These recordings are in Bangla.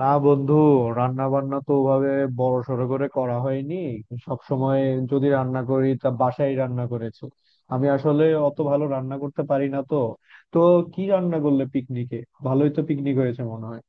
না বন্ধু, রান্না বান্না তো ওভাবে বড় সড়ো করে করা হয়নি। সব সময় যদি রান্না করি তা বাসায় রান্না করেছি। আমি আসলে অত ভালো রান্না করতে পারি না। তো তো কি রান্না করলে পিকনিকে? ভালোই তো পিকনিক হয়েছে মনে হয়।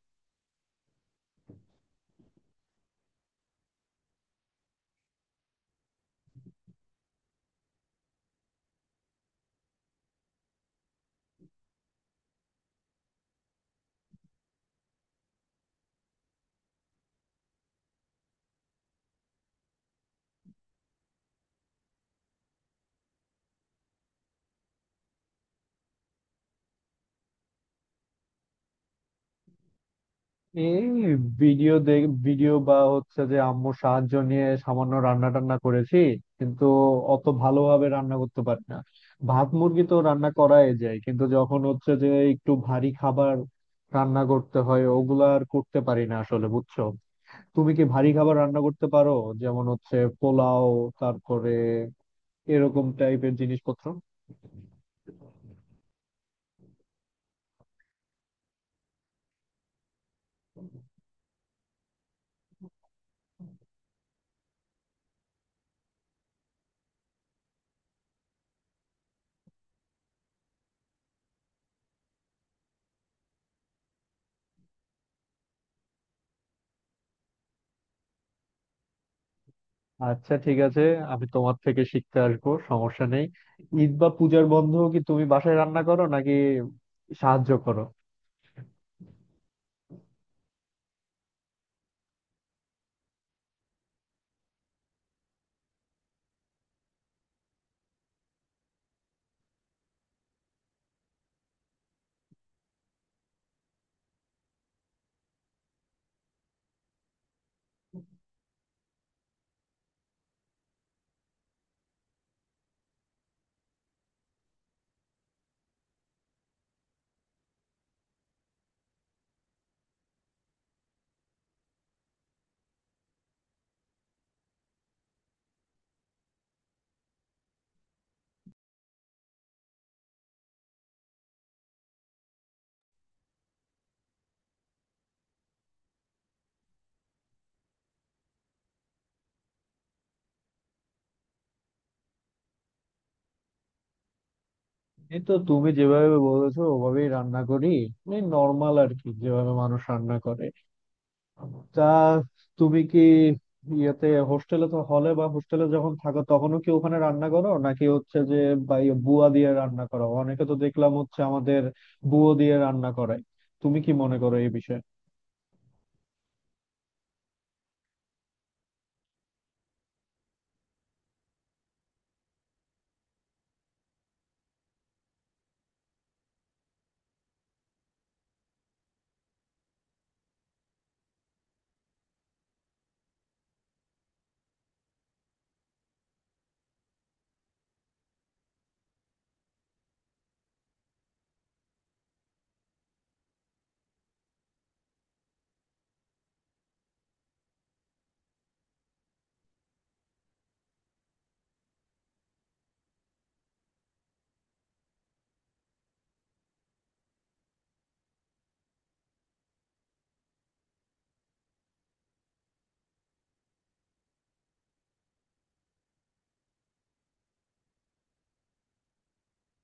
এই ভিডিও দেখ ভিডিও বা হচ্ছে যে আম্মুর সাহায্য নিয়ে সামান্য রান্না টান্না করেছি, কিন্তু অত ভালোভাবে রান্না করতে পারি না। ভাত মুরগি তো রান্না করাই যায়, কিন্তু যখন হচ্ছে যে একটু ভারী খাবার রান্না করতে হয় ওগুলা আর করতে পারি না আসলে, বুঝছো। তুমি কি ভারী খাবার রান্না করতে পারো? যেমন হচ্ছে পোলাও, তারপরে এরকম টাইপের জিনিসপত্র। আচ্ছা ঠিক আছে, আমি তোমার থেকে শিখতে আসবো, সমস্যা নেই। ঈদ বা পূজার বন্ধও কি তুমি বাসায় রান্না করো নাকি সাহায্য করো? এই তো, তুমি যেভাবে বলেছো ওভাবেই রান্না করি, এই নর্মাল আর কি যেভাবে মানুষ রান্না করে। তা তুমি কি ইয়েতে হোস্টেলে তো হলে বা হোস্টেলে যখন থাকো তখনও কি ওখানে রান্না করো নাকি হচ্ছে যে বা ইয়ে বুয়া দিয়ে রান্না করো? অনেকে তো দেখলাম হচ্ছে আমাদের বুয়ো দিয়ে রান্না করে। তুমি কি মনে করো এই বিষয়ে?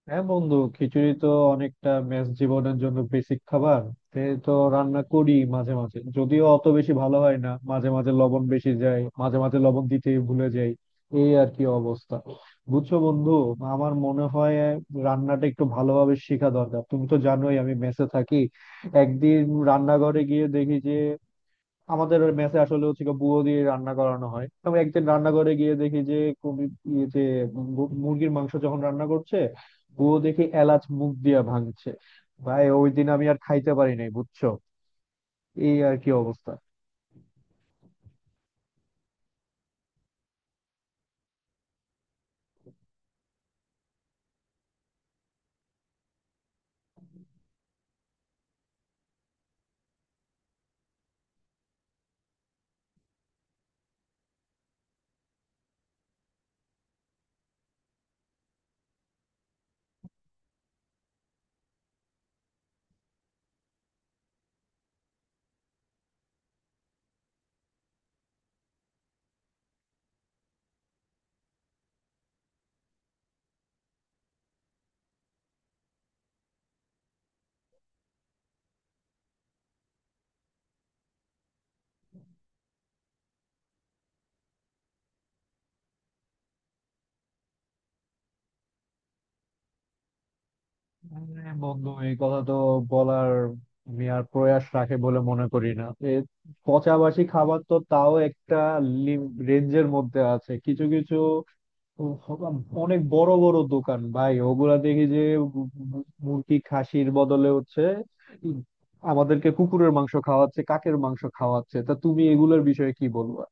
হ্যাঁ বন্ধু, খিচুড়ি তো অনেকটা মেস জীবনের জন্য বেসিক খাবার। তে তো রান্না করি মাঝে মাঝে, যদিও অত বেশি ভালো হয় না। মাঝে মাঝে লবণ বেশি যায়, মাঝে মাঝে লবণ দিতে ভুলে যাই। এই আর কি অবস্থা, বুঝছো বন্ধু। আমার মনে হয় রান্নাটা একটু ভালোভাবে শেখা দরকার। তুমি তো জানোই আমি মেসে থাকি। একদিন রান্নাঘরে গিয়ে দেখি যে আমাদের মেসে আসলে হচ্ছে গিয়ে বুয়ো দিয়ে রান্না করানো হয়। আমি একদিন রান্নাঘরে গিয়ে দেখি যে কবি ইয়ে যে মুরগির মাংস যখন রান্না করছে, বুয়ো দেখি এলাচ মুখ দিয়া ভাঙছে। ভাই ওই দিন আমি আর খাইতে পারি নাই, বুঝছো। এই আর কি অবস্থা। আরে বন্ধু, এই কথা তো বলার আমি আর প্রয়াস রাখে বলে মনে করি না। এ পচাবাসি খাবার তো তাও একটা রেঞ্জের মধ্যে আছে কিছু কিছু। ও বাবা, অনেক বড় বড় দোকান ভাই ওগুলা দেখি যে মুরগি খাসির বদলে হচ্ছে উম, আমাদেরকে কুকুরের মাংস খাওয়াচ্ছে, কাকের মাংস খাওয়াচ্ছে। তা তুমি এগুলোর বিষয়ে কি বলবা?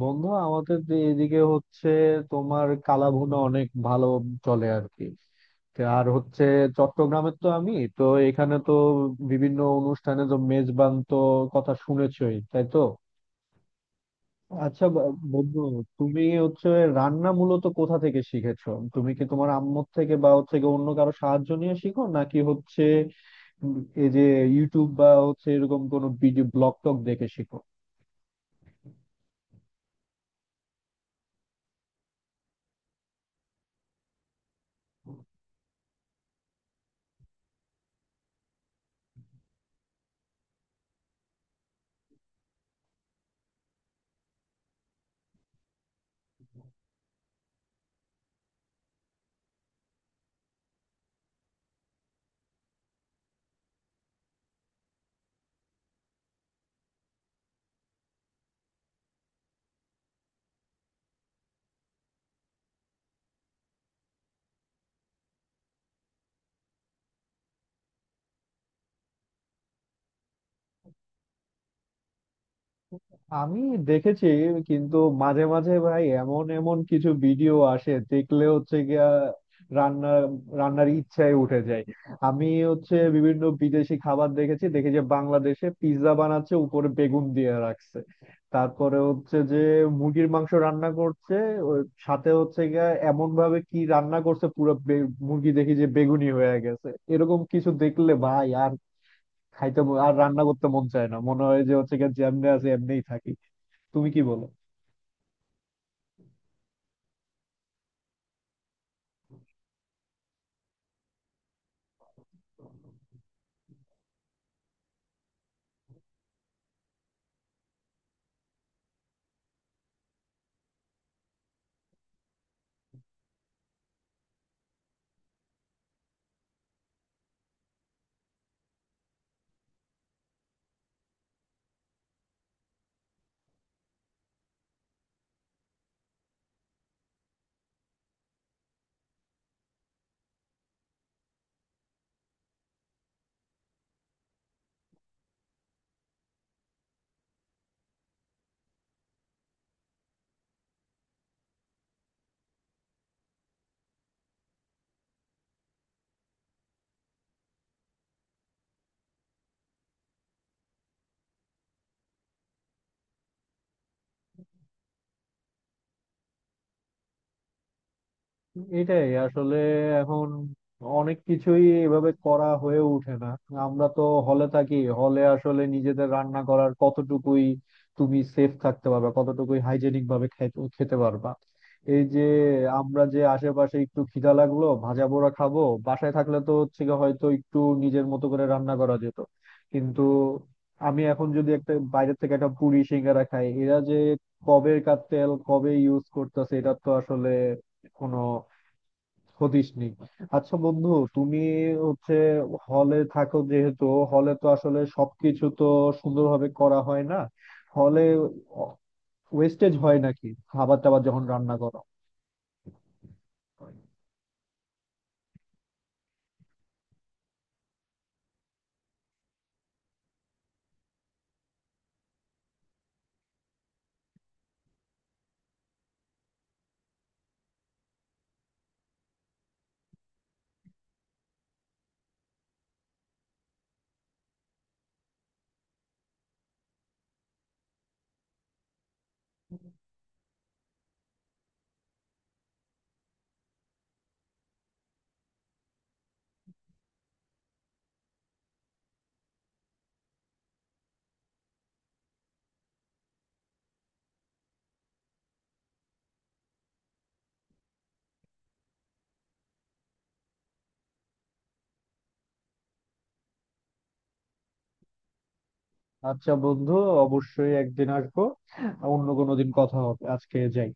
বন্ধু, আমাদের যে এদিকে হচ্ছে তোমার কালাভুনা অনেক ভালো চলে আর কি। তা আর হচ্ছে চট্টগ্রামের তো আমি, তো এখানে তো বিভিন্ন অনুষ্ঠানে তো মেজবান তো কথা শুনেছই তাই তো। আচ্ছা বন্ধু, তুমি হচ্ছে রান্না মূলত কোথা থেকে শিখেছো? তুমি কি তোমার আম্মুর থেকে বা হচ্ছে গিয়ে অন্য কারো সাহায্য নিয়ে শিখো নাকি হচ্ছে উম, এই যে ইউটিউব বা হচ্ছে এরকম কোনো ভিডিও ব্লগ টক দেখে শিখো? আমি দেখেছি, কিন্তু মাঝে মাঝে ভাই এমন এমন কিছু ভিডিও আসে দেখলে হচ্ছে গিয়া রান্না রান্নার ইচ্ছায় উঠে যায়। আমি হচ্ছে বিভিন্ন বিদেশি খাবার দেখেছি, দেখে যে বাংলাদেশে পিৎজা বানাচ্ছে উপরে বেগুন দিয়ে রাখছে। তারপরে হচ্ছে যে মুরগির মাংস রান্না করছে, ওর সাথে হচ্ছে গিয়া এমন ভাবে কি রান্না করছে পুরো মুরগি দেখি যে বেগুনি হয়ে গেছে। এরকম কিছু দেখলে ভাই আর আর রান্না করতে মন চায় না। মনে হয় যে হচ্ছে গিয়া যেমনি আছে এমনিই থাকি। তুমি কি বলো? এটাই আসলে এখন অনেক কিছুই এভাবে করা হয়ে ওঠে না। আমরা তো হলে থাকি, হলে আসলে নিজেদের রান্না করার কতটুকুই তুমি সেফ থাকতে পারবা, কতটুকুই হাইজেনিক ভাবে খেতে পারবা। এই যে আমরা যে আশেপাশে একটু খিদা লাগলো ভাজা পোড়া খাবো, বাসায় থাকলে তো হচ্ছে গিয়ে হয়তো একটু নিজের মতো করে রান্না করা যেত। কিন্তু আমি এখন যদি একটা বাইরের থেকে একটা পুরি সিঙ্গারা খাই, এরা যে কবেকার তেল কবে ইউজ করতেছে এটা তো আসলে কোনো ক্ষতিস নেই। আচ্ছা বন্ধু, তুমি হচ্ছে হলে থাকো যেহেতু, হলে তো আসলে সবকিছু তো সুন্দরভাবে করা হয় না। হলে ওয়েস্টেজ হয় নাকি খাবার টাবার যখন রান্না করো? আচ্ছা বন্ধু, অবশ্যই একদিন আসবো। অন্য কোনো দিন কথা হবে, আজকে যাই।